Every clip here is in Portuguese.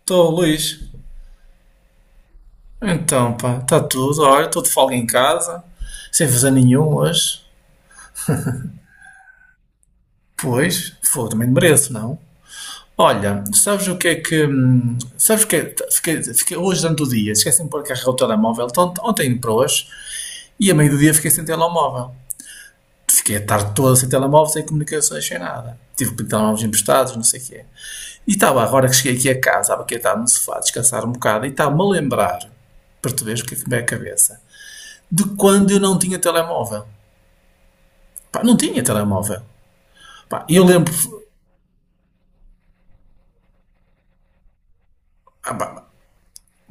Estou, Luís. Então, pá, está tudo. Olha, estou de folga em casa, sem fazer nenhum hoje. Pois, foda, também mereço, não? Olha, sabes o que é que. Sabes o que é. Fiquei hoje durante o dia, esqueci-me de pôr a carregar o telemóvel, de ontem para hoje, e a meio do dia fiquei sem telemóvel. Fiquei a tarde toda sem telemóvel, sem comunicações, sem nada. Tive que pedir telemóveis emprestados, não sei o quê. E estava, agora que cheguei aqui a casa, estava aqui a estar no sofá, a descansar um bocado, e estava-me a lembrar, para tu veres o que é que me veio à cabeça. De quando eu não tinha telemóvel. Pá, não tinha telemóvel. Pá, eu lembro. Ah, pá,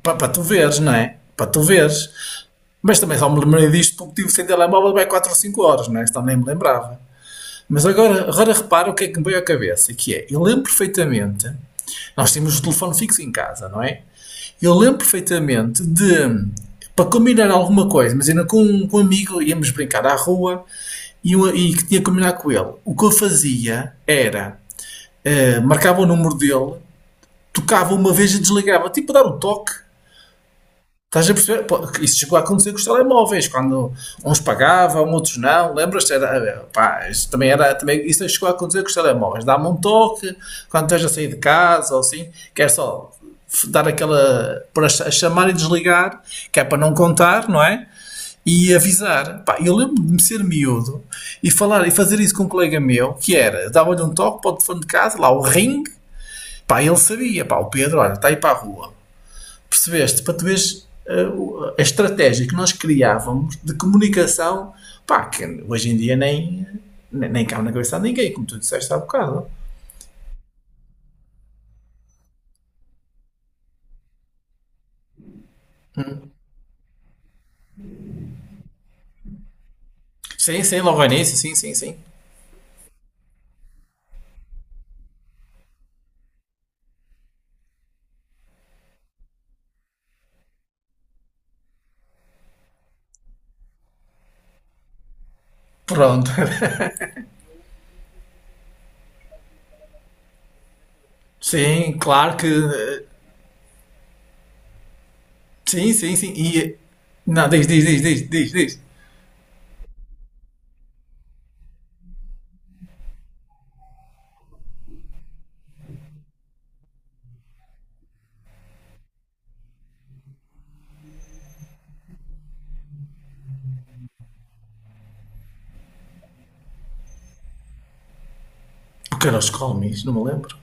pá, para tu veres, não é? Para tu veres. Mas também só me lembrei disto porque tive sem telemóvel bem 4 ou 5 horas, não é? Isto nem me lembrava. Mas agora, agora repara o que é que me veio à cabeça, que é, eu lembro perfeitamente, nós tínhamos o telefone fixo em casa, não é? Eu lembro perfeitamente de, para combinar alguma coisa, imagina com um amigo íamos brincar à rua e que tinha que combinar com ele. O que eu fazia era, marcava o número dele, tocava uma vez e desligava, tipo dar um toque. Estás a perceber? Pô, isso chegou a acontecer com os telemóveis, quando uns pagavam, outros não. Lembras-te? Era, pá, isso também era, também, isso chegou a acontecer com os telemóveis. Dá-me um toque quando estás a sair de casa ou assim, que é só dar aquela. Para chamar e desligar, que é para não contar, não é? E avisar. Pá, eu lembro de me ser miúdo e falar e fazer isso com um colega meu, que era, dava-lhe um toque para o telefone de casa, lá o ring. Pá, ele sabia, pá, o Pedro, olha, está aí para a rua. Percebeste? Para tu veres a estratégia que nós criávamos de comunicação, pá, que hoje em dia nem, cabe na cabeça de ninguém, como tu disseste há bocado. Sim, sim, logo ao início, sim, sim, sim. Pronto. Sim, claro que. Sim, sim, sim. E. Não, diz, diz, diz, diz, diz, diz. Porque era os Colmis, não me lembro.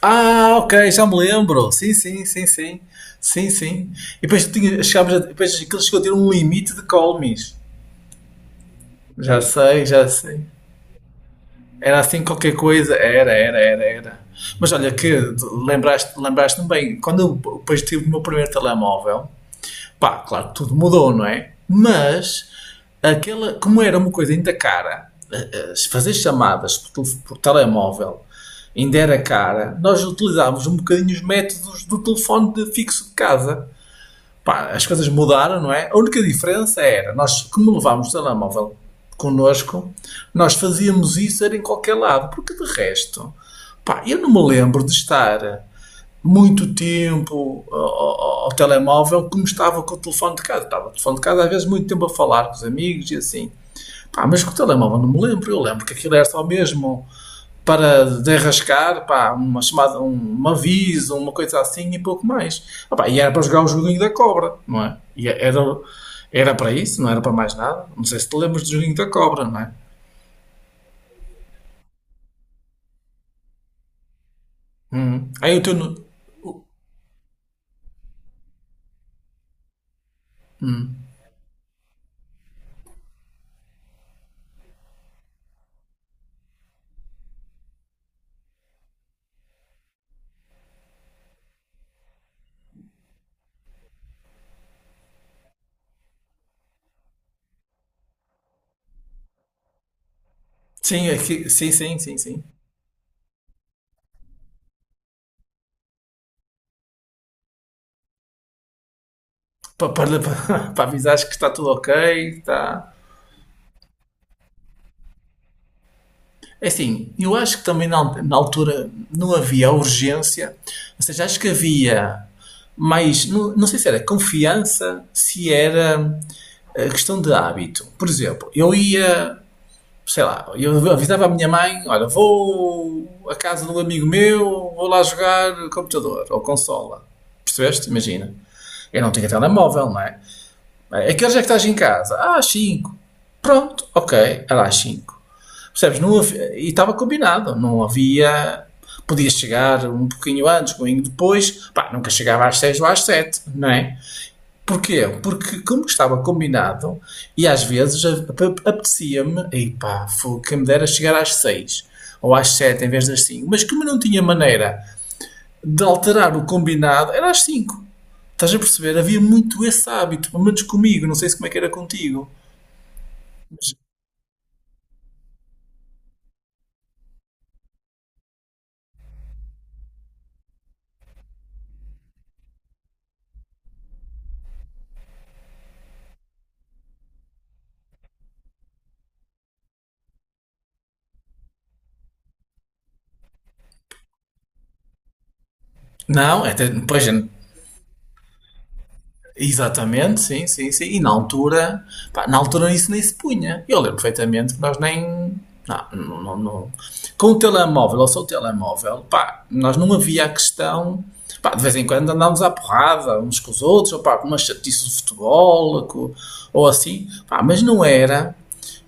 Ah, ok, já me lembro. Sim, sim, sim, sim. Sim, sim. E depois, tinha, chegámos a, depois aquilo chegou a ter um limite de Colmis. Já sei, já sei. Era assim qualquer coisa. Era, era, era, era. Mas olha que lembraste-me bem, quando eu depois tive o meu primeiro telemóvel, pá, claro que tudo mudou, não é? Mas aquela, como era uma coisa ainda cara, fazer chamadas por telemóvel ainda era cara, nós utilizávamos um bocadinho os métodos do telefone de fixo de casa. Pá, as coisas mudaram, não é? A única diferença era, nós, como levámos o telemóvel connosco, nós fazíamos isso era em qualquer lado, porque de resto, pá, eu não me lembro de estar muito tempo ao telemóvel como estava com o telefone de casa. Estava o telefone de casa às vezes muito tempo a falar com os amigos e assim. Pá, mas com o telemóvel não me lembro. Eu lembro que aquilo era só mesmo para derrascar pá, uma chamada, um aviso, uma coisa assim e pouco mais. Ah, pá, e era para jogar o joguinho da cobra, não é? E é, era, era para isso, não era para mais nada. Não sei se te lembras do joguinho da cobra, não é? Hum. Aí o teu. Sim, sim, sim, sim, sim. Para, para avisares que está tudo ok, está. É assim, eu acho que também na, na altura não havia urgência, ou seja, acho que havia mais, não, não sei se era confiança, se era a questão de hábito. Por exemplo, eu ia, sei lá, eu avisava a minha mãe, olha, vou à casa de um amigo meu, vou lá jogar computador ou consola. Percebeste? Imagina. Eu não tinha telemóvel, não é? É que horas é que estás em casa? Ah, às 5. Pronto, ok, era às 5. Percebes? Não havia, e estava combinado, não havia. Podia chegar um pouquinho antes, um pouquinho depois, pá, nunca chegava às 6 ou às 7, não é? Porquê? Porque, como estava combinado, e às vezes apetecia-me, e pá, fogo, quem me dera chegar às 6 ou às 7 em vez das 5, mas como não tinha maneira de alterar o combinado, era às 5. Estás a perceber? Havia muito esse hábito, pelo menos comigo, não sei se como é que era contigo. Mas, não, até, pois, exatamente, sim, sim, sim. E na altura, pá, na altura isso nem se punha. Eu lembro perfeitamente que nós nem. Não, não, não, não. Com o telemóvel ou só o telemóvel, pá, nós não havia a questão. Pá, de vez em quando andámos à porrada uns com os outros, ou pá, com uma chatice de futebol, ou assim, pá, mas não era.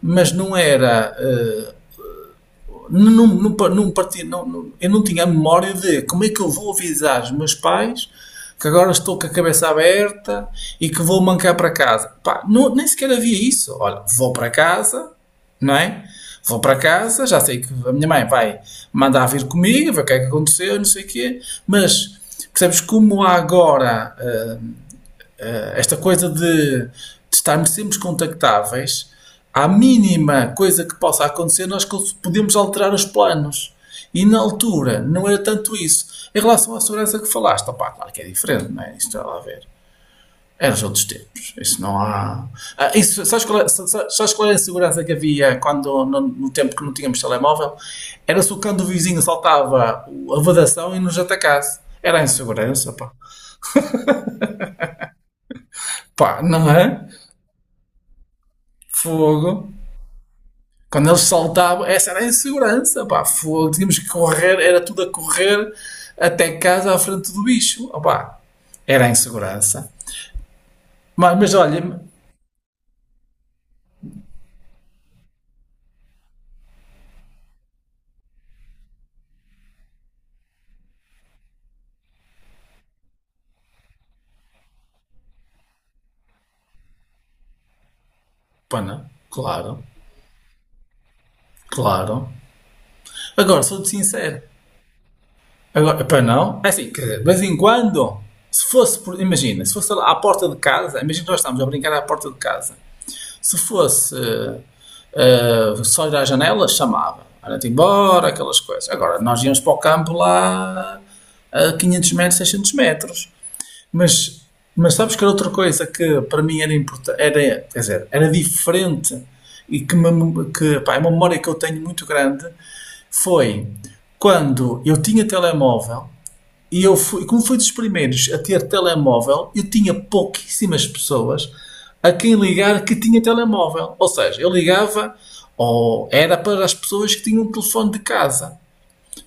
Mas não era. Não, não, não, partia, não, não, eu não tinha a memória de como é que eu vou avisar os meus pais que agora estou com a cabeça aberta e que vou mancar para casa. Pá, não, nem sequer havia isso. Olha, vou para casa, não é? Vou para casa, já sei que a minha mãe vai mandar vir comigo, ver o que é que aconteceu, não sei o quê, mas percebes como há agora esta coisa de estarmos sempre contactáveis, à mínima coisa que possa acontecer, nós podemos alterar os planos. E na altura não era tanto isso. Em relação à segurança que falaste, opá, claro que é diferente, não é? Isto está lá a ver. Eram os outros tempos. Isso não há. Ah, isso, sabes, qual, sabes qual era a segurança que havia quando, no, no tempo que não tínhamos telemóvel? Era se o cão vizinho saltava a vedação e nos atacasse. Era a insegurança, pá. Pá, não é? Fogo. Quando eles saltavam, essa era a insegurança, pá, fogo, tínhamos que correr, era tudo a correr até casa à frente do bicho, opá, era a insegurança. Mas, olha, pá, não, claro, claro. Agora, sou-te sincero, agora, para não, é assim, quer dizer, de vez em quando, se fosse, por, imagina, se fosse lá à porta de casa, imagina que nós estamos a brincar à porta de casa. Se fosse só ir à janela, chamava. Era-te embora, aquelas coisas. Agora, nós íamos para o campo lá a 500 metros, 600 metros. Mas, mas, sabes que era outra coisa que para mim era importante, era, quer dizer, era diferente e que, me, que pá, é uma memória que eu tenho muito grande foi quando eu tinha telemóvel e eu fui, como fui dos primeiros a ter telemóvel, eu tinha pouquíssimas pessoas a quem ligar que tinha telemóvel. Ou seja, eu ligava ou era para as pessoas que tinham um telefone de casa.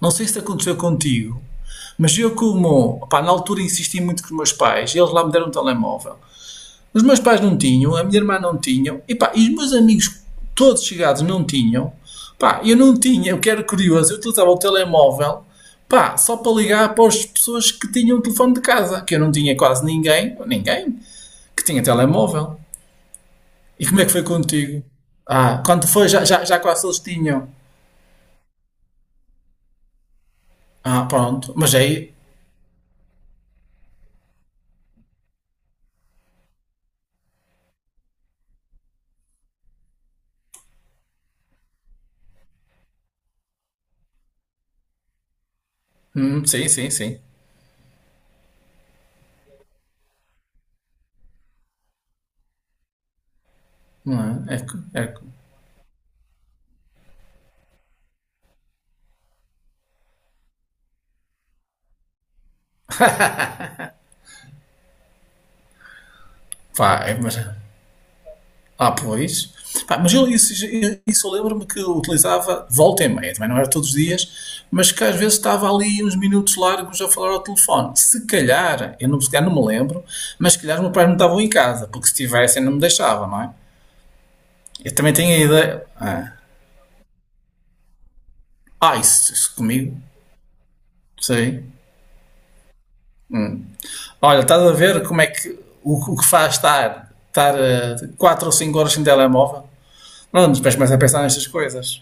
Não sei se aconteceu contigo, mas eu como, pá, na altura insisti muito com os meus pais, eles lá me deram um telemóvel. Os meus pais não tinham, a minha irmã não tinham, e pá, e os meus amigos todos chegados não tinham. Pá, eu não tinha, eu que era curioso, eu utilizava o telemóvel, pá, só para ligar para as pessoas que tinham o telefone de casa, que eu não tinha quase ninguém, ninguém, que tinha telemóvel. E como é que foi contigo? Ah, quando foi já, já, já quase eles tinham. Ah, pronto, mas aí, sim, sim, sim. Não é? É, é, pá, é, mas Ah, pois. Pá, mas eu, isso eu lembro-me que eu utilizava de volta e meia, também não era todos os dias, mas que às vezes estava ali uns minutos largos a falar ao telefone. Se calhar, eu não, se calhar não me lembro, mas se calhar os meus pais não estavam em casa, porque se estivessem não me deixavam, não é? Eu também tenho a ideia. Ah, ah isso, isso comigo, sei. Olha, estás a ver como é que o que faz estar, estar 4 ou cinco horas sem telemóvel? Não, mas depois começa a pensar nestas coisas.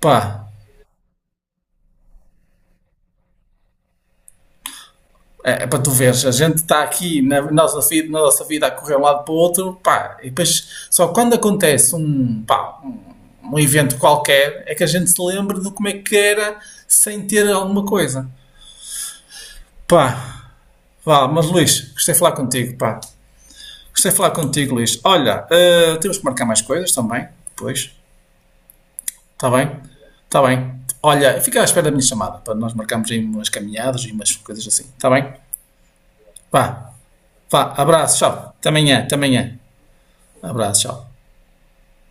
Pá, é, é para tu veres, a gente está aqui na nossa vida a correr um lado para o outro, pá, e depois só quando acontece um, pá, um, evento qualquer é que a gente se lembra de como é que era sem ter alguma coisa. Pá, vá, mas Luís, gostei de falar contigo, pá. Gostei de falar contigo, Luís. Olha, temos que marcar mais coisas também, depois, está bem? Está bem. Olha, fica à espera da minha chamada, para nós marcarmos aí umas caminhadas e umas coisas assim, está bem? Vá, vá, abraço, tchau. Até amanhã, até amanhã. Um abraço, tchau.